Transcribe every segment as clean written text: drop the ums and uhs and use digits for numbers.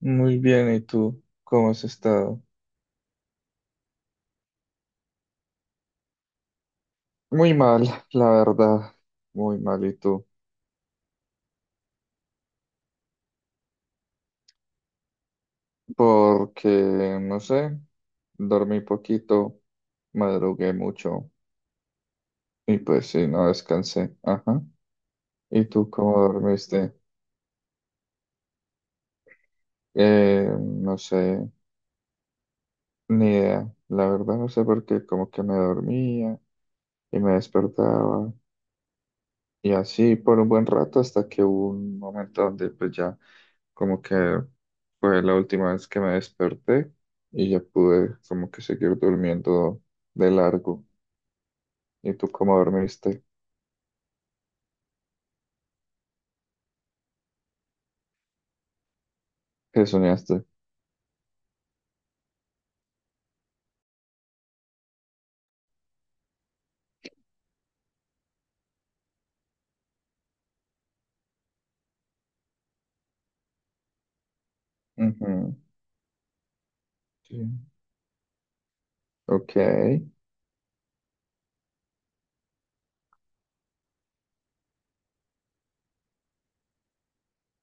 Muy bien, ¿y tú? ¿Cómo has estado? Muy mal, la verdad, muy mal, ¿y tú? Porque, no sé, dormí poquito, madrugué mucho y pues sí, no descansé. Ajá. ¿Y tú cómo dormiste? No sé, ni idea, la verdad no sé por qué, como que me dormía y me despertaba. Y así por un buen rato hasta que hubo un momento donde pues ya como que fue la última vez que me desperté y ya pude como que seguir durmiendo de largo. ¿Y tú cómo dormiste? ¿Qué soñaste? Ujú. Sí. Ok.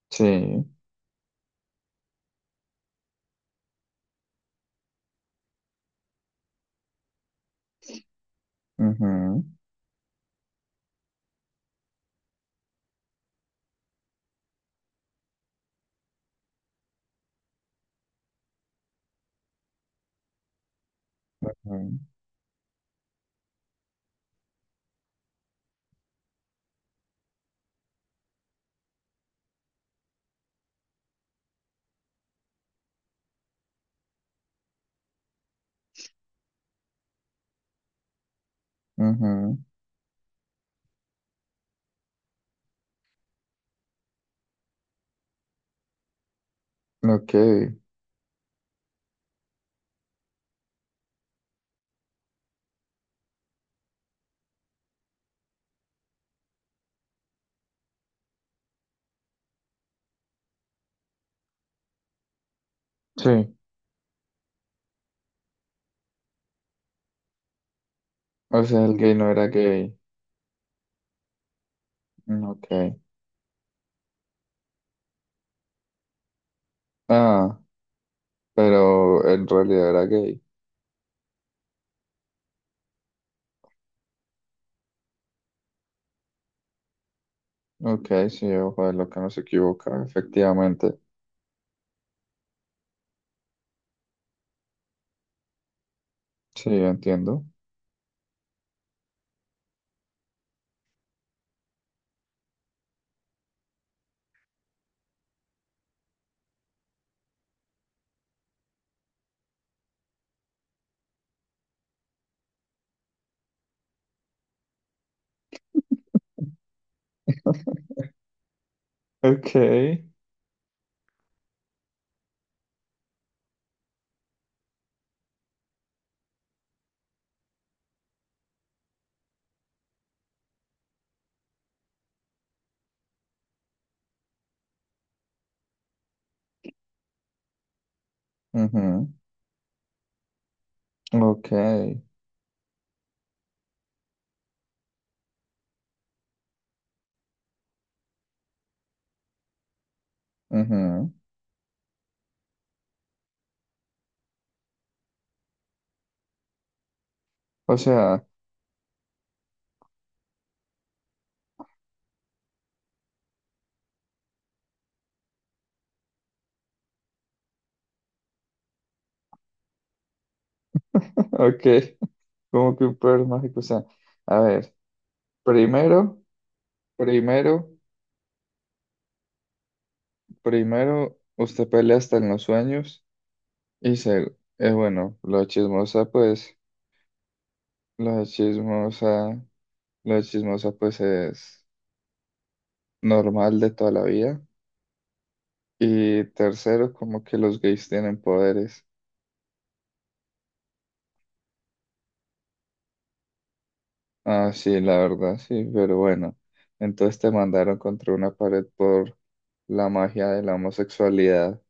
Sí. Ujú, ujú, ujú. Ok. Sí. O sea, el gay no era gay. Mm, ok. Ah, pero en realidad era gay. Ok, sí, ojo de lo que no se equivoca, efectivamente. Sí, entiendo. Ok. Ujú, ok. Ujú. O sea, ok, como que un poder mágico. O sea, a ver, primero, primero, primero, usted pelea hasta en los sueños y se, bueno, lo chismosa, lo chismosa, pues, es normal de toda la vida. Y tercero, como que los gays tienen poderes. Ah, sí, la verdad, sí, pero bueno. Entonces te mandaron contra una pared por la magia de la homosexualidad.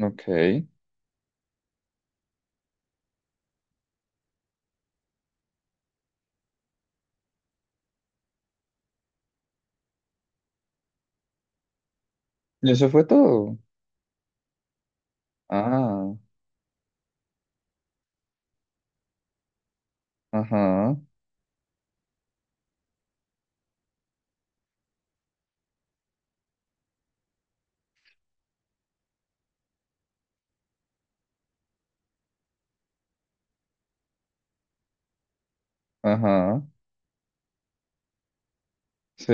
Ok. ¿Y eso fue todo? Ah, ajá, ajá. Sí,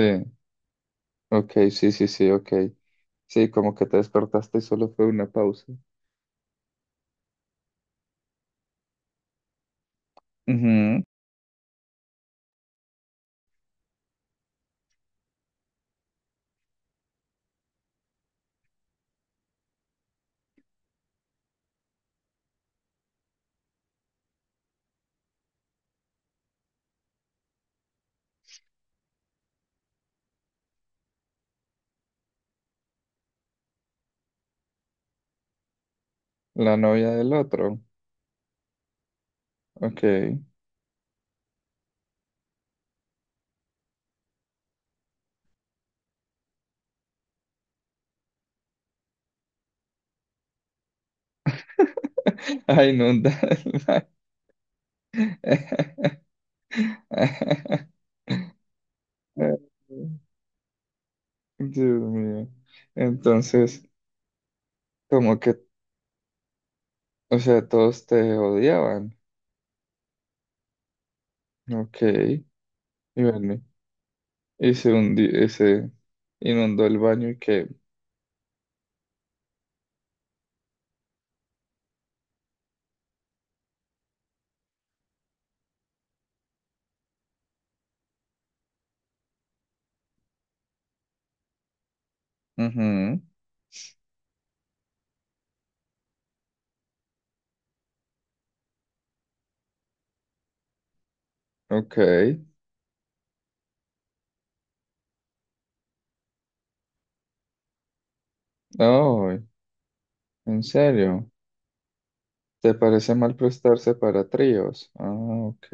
ok, sí, sí, sí, ok. Sí, como que te despertaste y solo fue una pausa. Ujú. La novia del otro. Ok. Ay, no. Dios mío. Entonces, como que, o sea, todos te odiaban. Ok. Y bueno, y se inundó el baño y que. Ujú. Ok. Oh, ¿en serio? ¿Te parece mal prestarse para tríos? Ah, ok.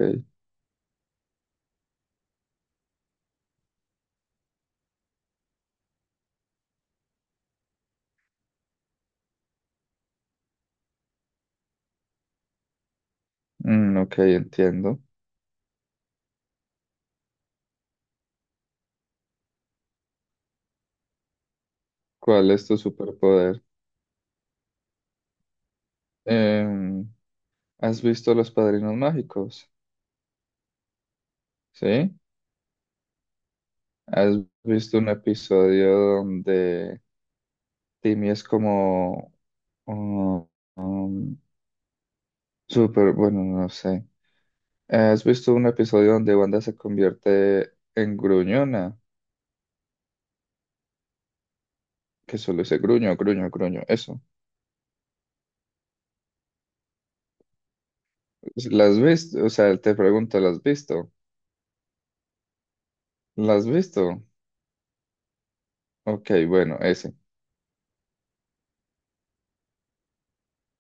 Mm, ok, entiendo. ¿Cuál es tu superpoder? Em, ¿Has visto Los Padrinos Mágicos? ¿Sí? ¿Has visto un episodio donde Timmy es como... um, um, súper, bueno, no sé. Ah, ¿has visto un episodio donde Wanda se convierte en gruñona? Que solo dice gruño, gruño, gruño. Eso. ¿Las has visto? O sea, te pregunto, ¿las has visto? ¿Las has visto? Ok, bueno, ese.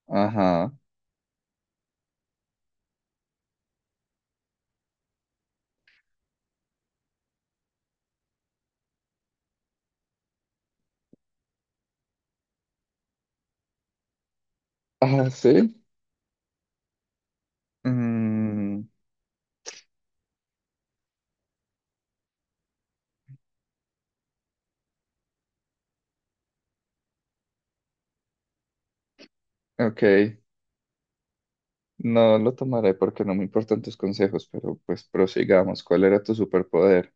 Ajá. Ah, ¿sí? Mm, ok. No lo tomaré porque no me importan tus consejos, pero pues prosigamos. ¿Cuál era tu superpoder?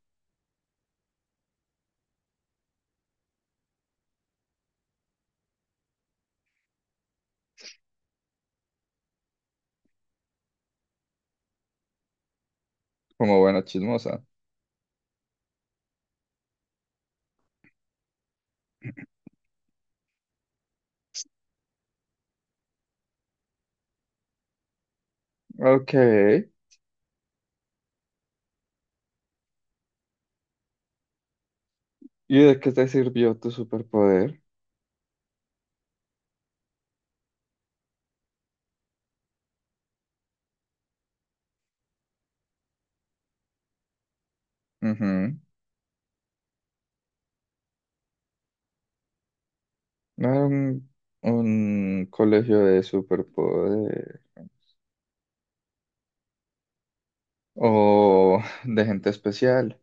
Como buena chismosa. Ok. ¿Y de qué te sirvió tu superpoder? Ujú. No era un colegio de superpoderes o de gente especial,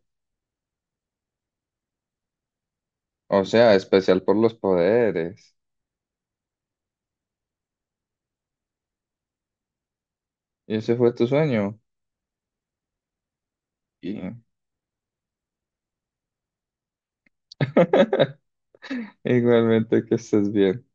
o sea, especial por los poderes. Y ese fue tu sueño. Y igualmente que estés bien.